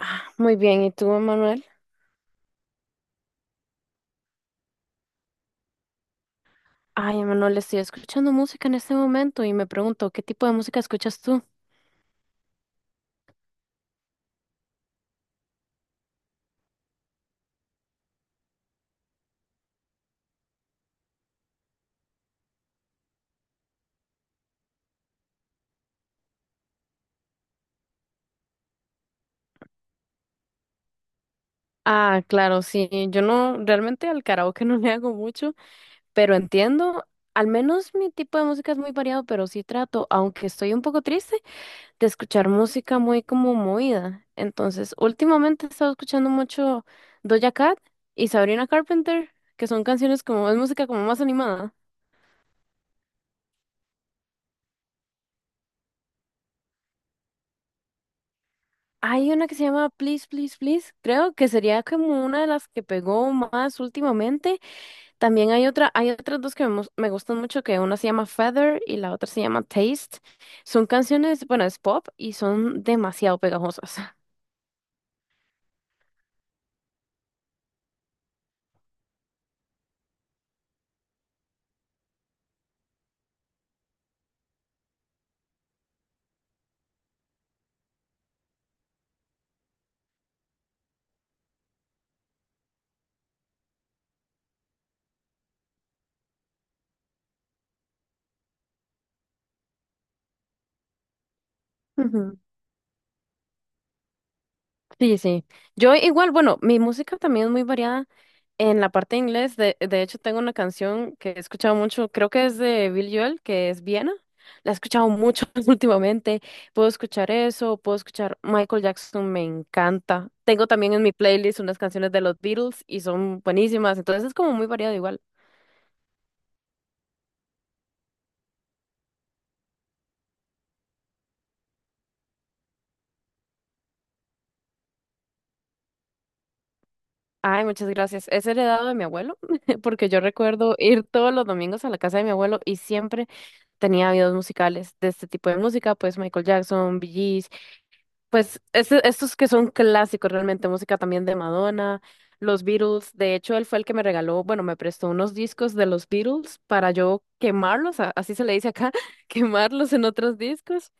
Ah, muy bien, ¿y tú, Emanuel? Ay, Emanuel, estoy escuchando música en este momento y me pregunto, ¿qué tipo de música escuchas tú? Ah, claro, sí, yo no, realmente al karaoke no le hago mucho, pero entiendo, al menos mi tipo de música es muy variado, pero sí trato, aunque estoy un poco triste, de escuchar música muy como movida. Entonces, últimamente he estado escuchando mucho Doja Cat y Sabrina Carpenter, que son canciones como, es música como más animada. Hay una que se llama Please, Please, Please, creo que sería como una de las que pegó más últimamente. También hay otra, hay otras dos que me, me gustan mucho, que una se llama Feather y la otra se llama Taste. Son canciones, bueno, es pop y son demasiado pegajosas. Sí, sí. Yo igual, bueno, mi música también es muy variada en la parte de inglés. De hecho, tengo una canción que he escuchado mucho, creo que es de Bill Joel, que es Viena. La he escuchado mucho últimamente. Puedo escuchar eso, puedo escuchar Michael Jackson, me encanta. Tengo también en mi playlist unas canciones de los Beatles y son buenísimas. Entonces es como muy variado igual. Ay, muchas gracias. Es heredado de mi abuelo, porque yo recuerdo ir todos los domingos a la casa de mi abuelo y siempre tenía videos musicales de este tipo de música, pues Michael Jackson, Bee Gees, pues estos que son clásicos realmente, música también de Madonna, los Beatles, de hecho él fue el que me regaló, bueno, me prestó unos discos de los Beatles para yo quemarlos, así se le dice acá, quemarlos en otros discos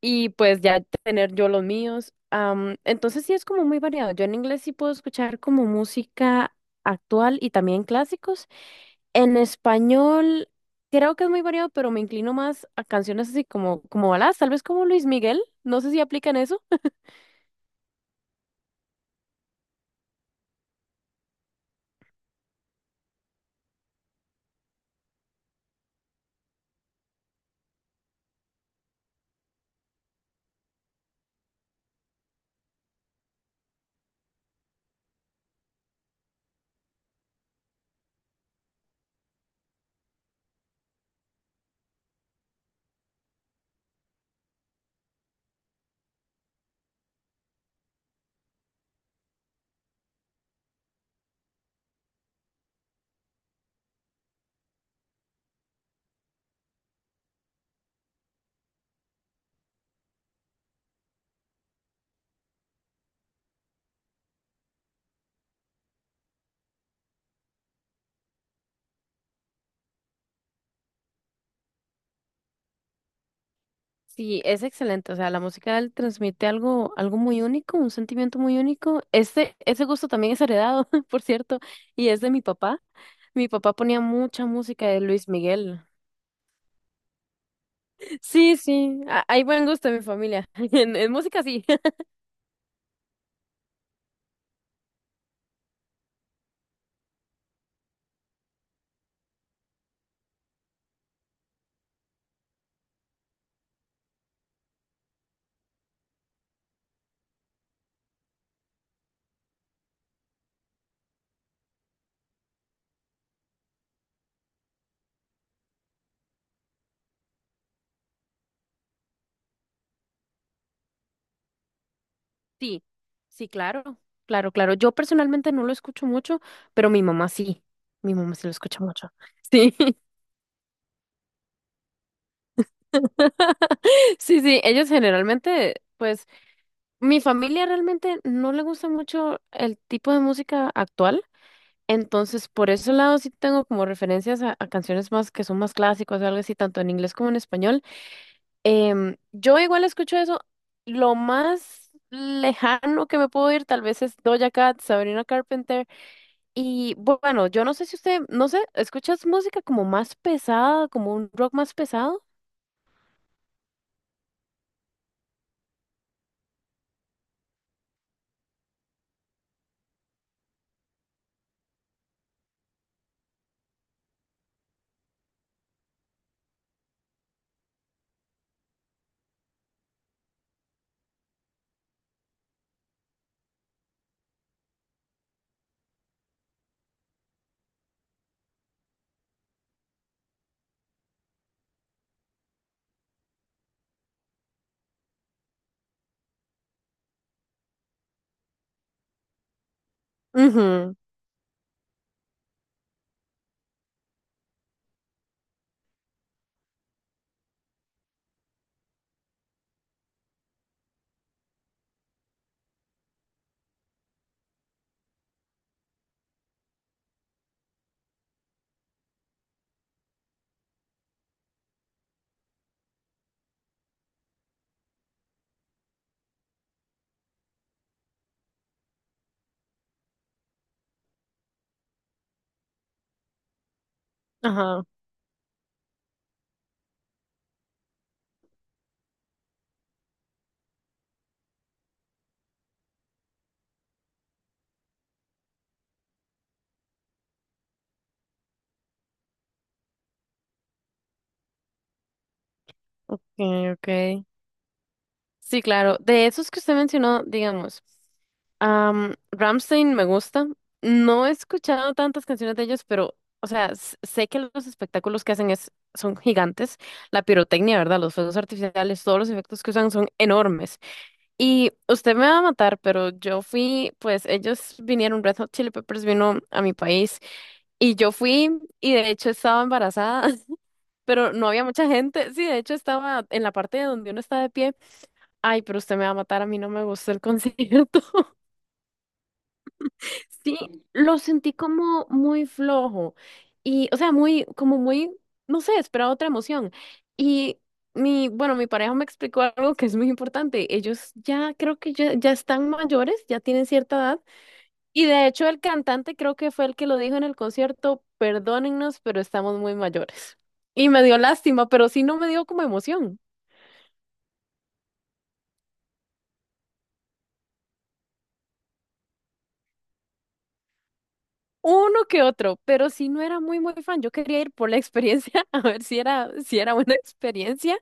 y pues ya tener yo los míos. Am, entonces sí es como muy variado. Yo en inglés sí puedo escuchar como música actual y también clásicos. En español, creo que es muy variado, pero me inclino más a canciones así como, como baladas, tal vez como Luis Miguel. No sé si aplican eso. Sí, es excelente. O sea, la música de él transmite algo, algo muy único, un sentimiento muy único. Este, ese gusto también es heredado, por cierto, y es de mi papá. Mi papá ponía mucha música de Luis Miguel. Sí, sí, hay buen gusto en mi familia. En música, sí. Sí, sí, claro, claro, claro. Yo personalmente no lo escucho mucho, pero mi mamá sí lo escucha mucho. Sí, sí, sí, ellos generalmente, pues, mi familia realmente no le gusta mucho el tipo de música actual, entonces por ese lado sí tengo como referencias a canciones más que son más clásicas o algo así, tanto en inglés como en español. Em, yo igual escucho eso, lo más lejano que me puedo ir tal vez es Doja Cat, Sabrina Carpenter. Y bueno, yo no sé si usted, no sé, ¿escuchas música como más pesada, como un rock más pesado? Ujú. Ajá. Okay, okay. Sí, claro. De esos que usted mencionó, digamos, Ramstein Rammstein me gusta. No he escuchado tantas canciones de ellos, pero, o sea, sé que los espectáculos que hacen es, son gigantes. La pirotecnia, ¿verdad? Los fuegos artificiales, todos los efectos que usan son enormes. Y usted me va a matar, pero yo fui, pues ellos vinieron, Red Hot Chili Peppers vino a mi país y yo fui y de hecho estaba embarazada, pero no había mucha gente. Sí, de hecho estaba en la parte de donde uno está de pie. Ay, pero usted me va a matar, a mí no me gustó el concierto. Sí, lo sentí como muy flojo y, o sea, muy, como muy, no sé, esperaba otra emoción. Y mi, bueno, mi pareja me explicó algo que es muy importante. Ellos ya creo que ya, ya están mayores, ya tienen cierta edad. Y de hecho el cantante creo que fue el que lo dijo en el concierto, perdónennos, pero estamos muy mayores. Y me dio lástima, pero sí no me dio como emoción. Uno que otro, pero sí no era muy muy fan. Yo quería ir por la experiencia, a ver si era, si era buena experiencia,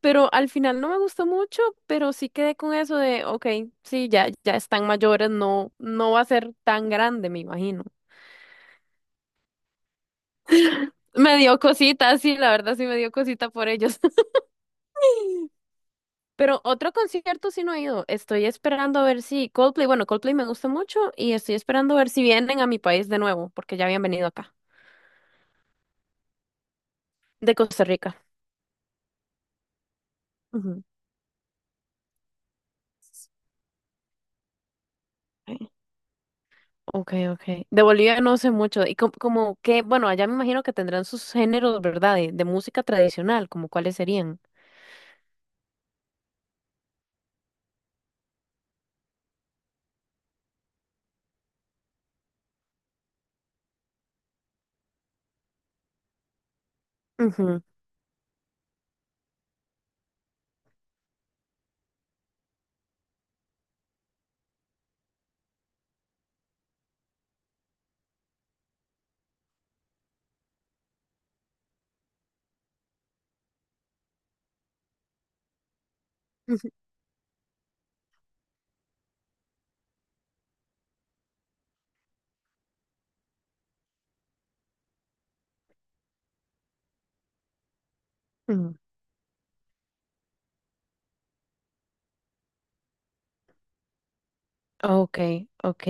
pero al final no me gustó mucho, pero sí quedé con eso de, ok, sí, ya, ya están mayores, no, no va a ser tan grande, me imagino. Me dio cosita, sí, la verdad sí me dio cosita por ellos. Pero otro concierto sí no he ido. Estoy esperando a ver si Coldplay, bueno, Coldplay me gusta mucho y estoy esperando a ver si vienen a mi país de nuevo, porque ya habían venido acá. De Costa Rica. Ujú. Sí. Ok, ok. De Bolivia no sé mucho. Y como, como que, bueno, allá me imagino que tendrán sus géneros, ¿verdad? De música tradicional, como cuáles serían. Ujú, ujú, ujú. Ok, ok.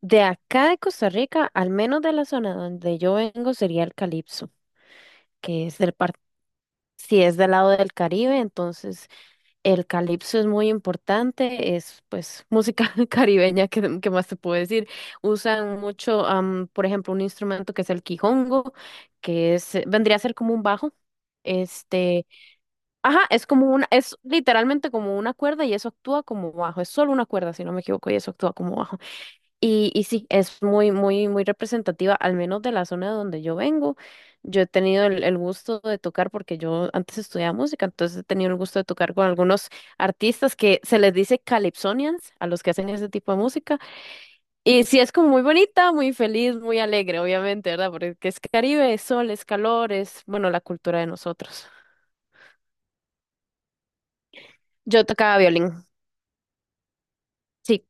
De acá de Costa Rica, al menos de la zona donde yo vengo, sería el calipso, que es del par, si es del lado del Caribe, entonces el calipso es muy importante, es pues música caribeña, que, ¿más te puedo decir? Usan mucho, am, por ejemplo, un instrumento que es el quijongo, que es, vendría a ser como un bajo. Este, ajá, es como una, es literalmente como una cuerda y eso actúa como bajo, es solo una cuerda, si no me equivoco, y eso actúa como bajo. Y sí, es muy, muy, muy representativa, al menos de la zona donde yo vengo. Yo he tenido el gusto de tocar, porque yo antes estudiaba música, entonces he tenido el gusto de tocar con algunos artistas que se les dice calypsonians, a los que hacen ese tipo de música. Y sí, es como muy bonita, muy feliz, muy alegre, obviamente, ¿verdad? Porque es Caribe, es sol, es calor, es, bueno, la cultura de nosotros. Yo tocaba violín. Sí,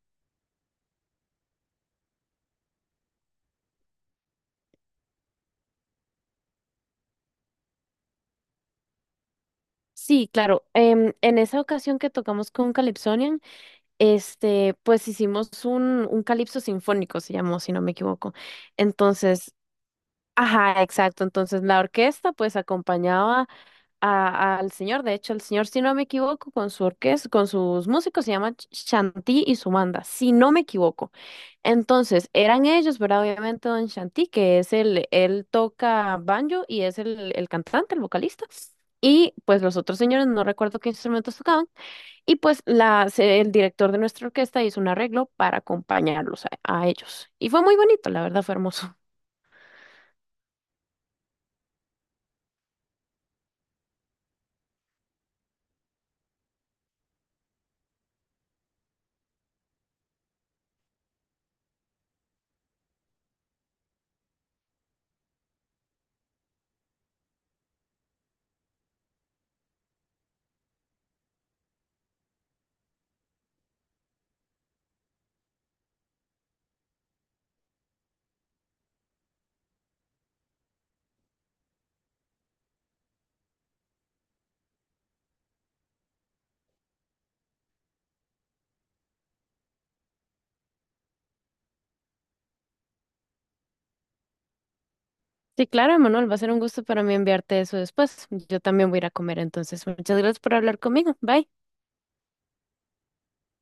sí, claro. Em, en esa ocasión que tocamos con Calypsonian, este, pues hicimos un calipso sinfónico, se llamó, si no me equivoco. Entonces, ajá, exacto. Entonces, la orquesta pues acompañaba al señor. De hecho, el señor, si no me equivoco, con su orquesta, con sus músicos, se llama Chanty y su banda, si no me equivoco. Entonces, eran ellos, ¿verdad? Obviamente, don Chanty, que es el, él toca banjo y es el cantante, el vocalista. Y pues los otros señores, no recuerdo qué instrumentos tocaban. Y pues la, el director de nuestra orquesta hizo un arreglo para acompañarlos a ellos. Y fue muy bonito, la verdad, fue hermoso. Sí, claro, Manuel va a ser un gusto para mí enviarte eso después. Yo también voy a ir a comer, entonces muchas gracias por hablar conmigo. Bye.